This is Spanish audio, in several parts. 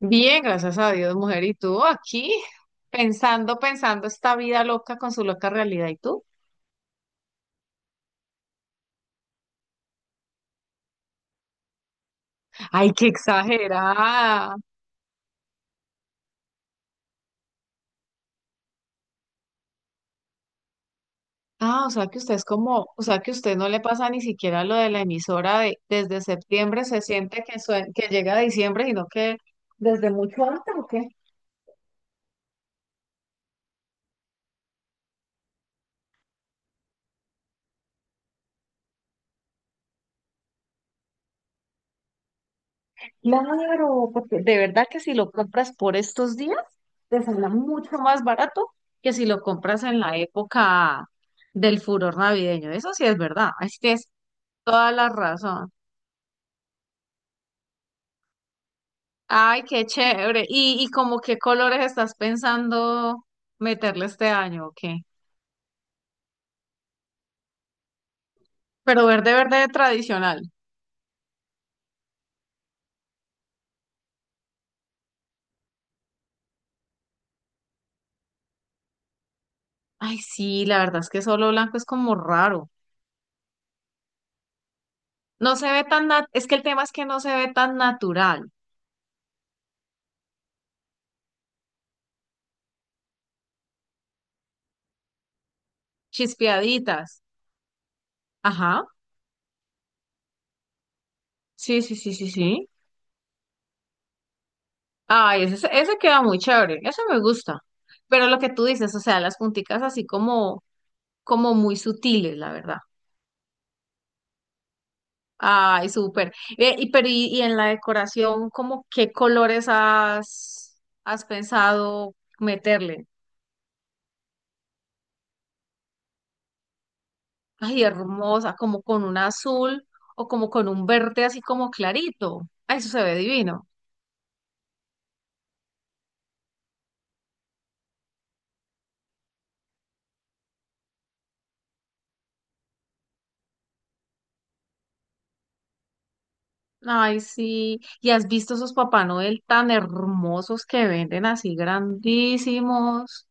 Bien, gracias a Dios, mujer. ¿Y tú aquí? Pensando, pensando esta vida loca con su loca realidad. ¿Y tú? ¡Ay, qué exagerada! Ah, o sea que usted es como, o sea que usted no le pasa ni siquiera lo de la emisora de desde septiembre se siente que, que llega diciembre, sino que desde mucho antes, ¿o qué? Claro, porque de verdad que si lo compras por estos días, te sale mucho más barato que si lo compras en la época del furor navideño. Eso sí es verdad. Así que es Toda la razón. Ay, qué chévere. ¿Y como qué colores estás pensando meterle este año o qué? Pero verde, verde tradicional. Ay, sí, la verdad es que solo blanco es como raro. No se ve tan es que el tema es que no se ve tan natural. Chispeaditas. Ajá. Sí, sí, sí, sí, sí. Ay, ese, ese queda muy chévere. Ese me gusta. Pero lo que tú dices, o sea, las punticas así como, como muy sutiles, la verdad. Ay, súper. Ve, y, pero y en la decoración, ¿cómo qué colores has pensado meterle? Ay, hermosa, como con un azul o como con un verde así como clarito. Ay, eso se ve divino. Ay, sí. ¿Y has visto esos Papá Noel tan hermosos que venden así grandísimos?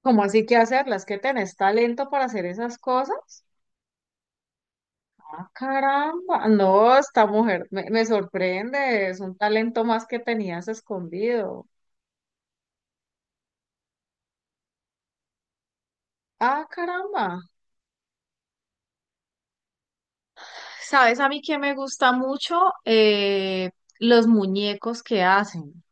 ¿Cómo así que hacerlas? ¿Que tenés talento para hacer esas cosas? Ah, caramba, no, esta mujer me sorprende, es un talento más que tenías escondido. Ah, caramba. ¿Sabes a mí que me gusta mucho? Eh, los muñecos que hacen.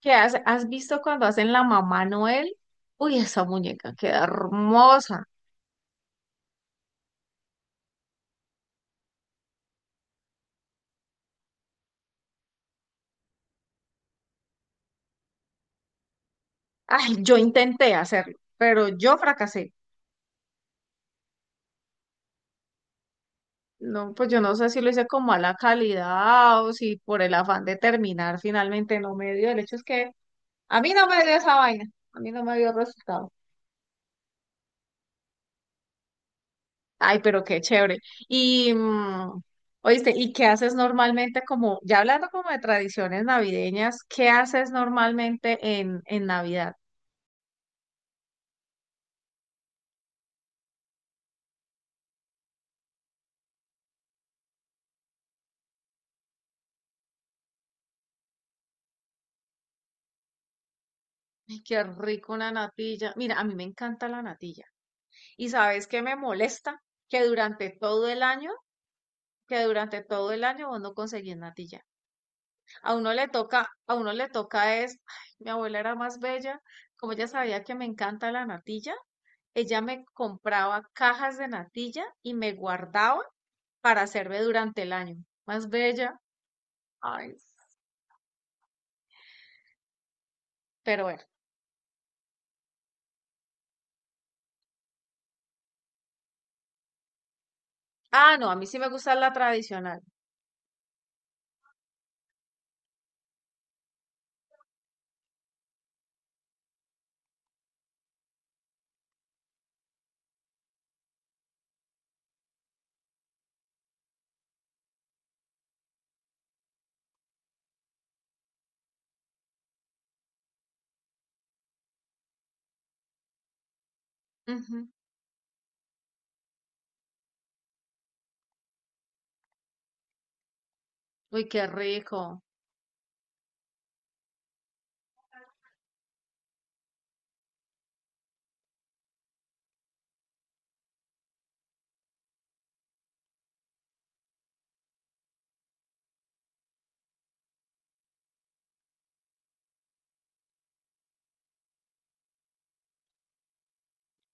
¿Qué hace? ¿Has visto cuando hacen la mamá Noel? Uy, esa muñeca queda hermosa. Ay, yo intenté hacerlo, pero yo fracasé. No, pues yo no sé si lo hice con mala calidad o si por el afán de terminar finalmente no me dio. El hecho es que a mí no me dio esa vaina, a mí no me dio resultado. Ay, pero qué chévere. Y, oíste, ¿y qué haces normalmente como, ya hablando como de tradiciones navideñas, ¿qué haces normalmente en Navidad? Ay, qué rico una natilla. Mira, a mí me encanta la natilla. ¿Y sabes qué me molesta? Que durante todo el año, que durante todo el año vos no conseguís natilla. A uno le toca, a uno le toca es, ay, mi abuela era más bella, como ella sabía que me encanta la natilla, ella me compraba cajas de natilla y me guardaba para hacerme durante el año. Más bella, ay, pero bueno. Ah, no, a mí sí me gusta la tradicional. Ujú. Uy, qué rico.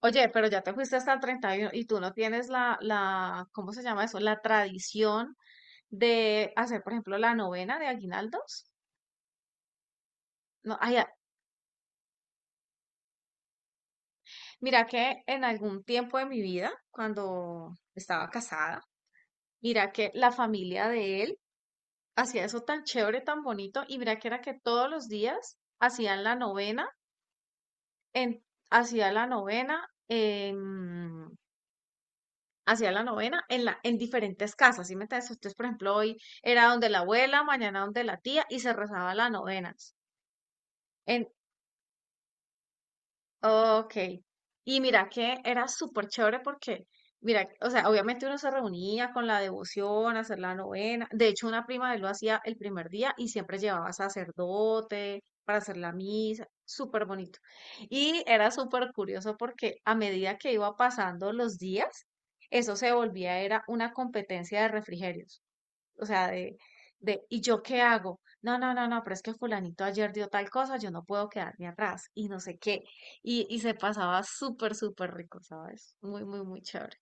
Oye, pero ya te fuiste hasta el 31 y uno y tú no tienes la, ¿cómo se llama eso? La tradición de hacer, por ejemplo, la novena de aguinaldos. No, ay, mira que en algún tiempo de mi vida, cuando estaba casada, mira que la familia de él hacía eso tan chévere, tan bonito, y mira que era que todos los días hacían la novena, en, hacía la novena, en, hacía la novena en diferentes casas, ¿sí me entiendes? Entonces, por ejemplo, hoy era donde la abuela, mañana donde la tía, y se rezaba la novena. Ok. Y mira que era súper chévere porque, mira, o sea, obviamente uno se reunía con la devoción, hacer la novena. De hecho, una prima de él lo hacía el primer día y siempre llevaba sacerdote para hacer la misa. Súper bonito. Y era súper curioso porque a medida que iba pasando los días, eso se volvía, era una competencia de refrigerios o sea, ¿y yo qué hago? No, no, no, no, pero es que fulanito ayer dio tal cosa, yo no puedo quedarme atrás y no sé qué. Y se pasaba súper, súper rico, ¿sabes? Muy, muy, muy chévere.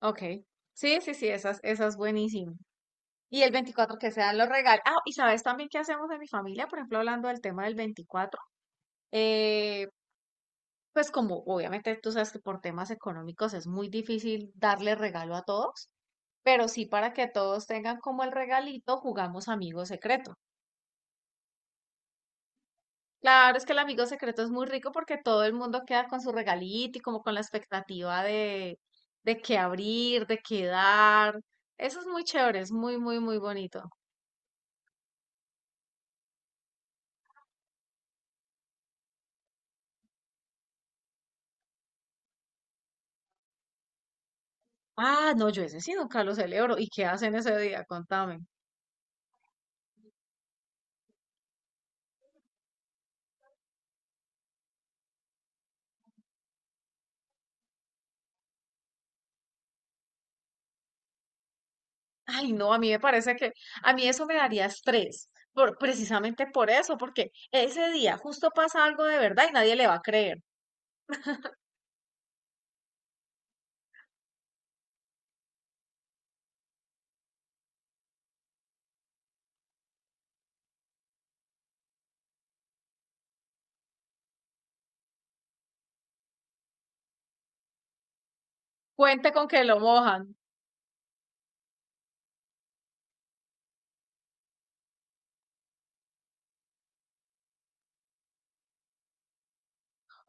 Ok. Sí, sí, sí, esa, esa es buenísima. Y el 24 que sean los regalos. Ah, y sabes también qué hacemos en mi familia, por ejemplo, hablando del tema del 24. Eh, pues como obviamente tú sabes que por temas económicos es muy difícil darle regalo a todos, pero sí para que todos tengan como el regalito, jugamos amigo secreto. Claro, es que el amigo secreto es muy rico porque todo el mundo queda con su regalito y como con la expectativa de qué abrir, de qué dar. Eso es muy chévere, es muy, muy, muy bonito. Ah, no, yo ese sí nunca lo celebro. ¿Y qué hacen ese día? Contame. Ay, no, a mí me parece que a mí eso me daría estrés, precisamente por eso, porque ese día justo pasa algo de verdad y nadie le va a creer. Cuente con que lo mojan.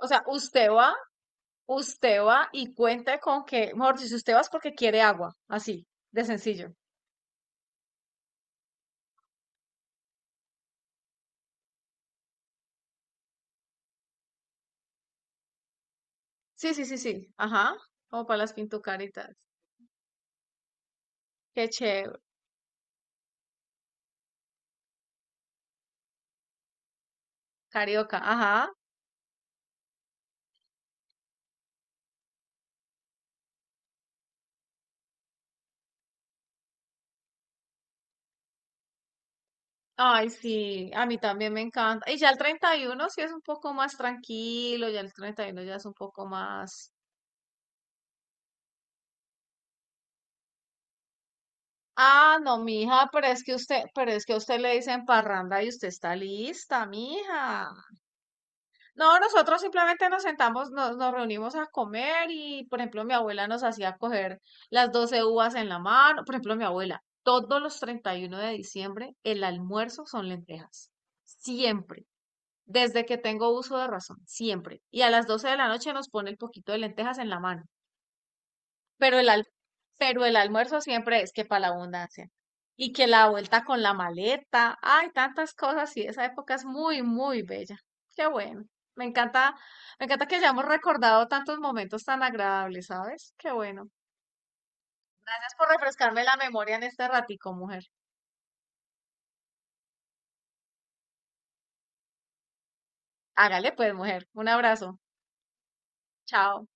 O sea, usted va. Usted va y cuenta con que, mejor dicho, si usted va es porque quiere agua, así, de sencillo. Sí, sí, sí, sí, ajá, como para las pintucaritas. Qué chévere, carioca, ajá. Ay, sí, a mí también me encanta. Y ya el 31 sí es un poco más tranquilo, ya el 31 ya es un poco más... Ah, no, mija, pero es que usted, pero es que a usted le dicen parranda y usted está lista, mija. No, nosotros simplemente nos sentamos, nos reunimos a comer y, por ejemplo, mi abuela nos hacía coger las 12 uvas en la mano. Por ejemplo, mi abuela, todos los 31 de diciembre, el almuerzo son lentejas. Siempre. Desde que tengo uso de razón, siempre. Y a las 12 de la noche nos pone el poquito de lentejas en la mano. Pero el, pero el almuerzo siempre es que para la abundancia. Y que la vuelta con la maleta, hay tantas cosas y esa época es muy, muy bella. Qué bueno. Me encanta, me, encanta que hayamos recordado tantos momentos tan agradables, ¿sabes? Qué bueno. Gracias por refrescarme la memoria en este ratico, mujer. Hágale pues, mujer. Un abrazo. Chao.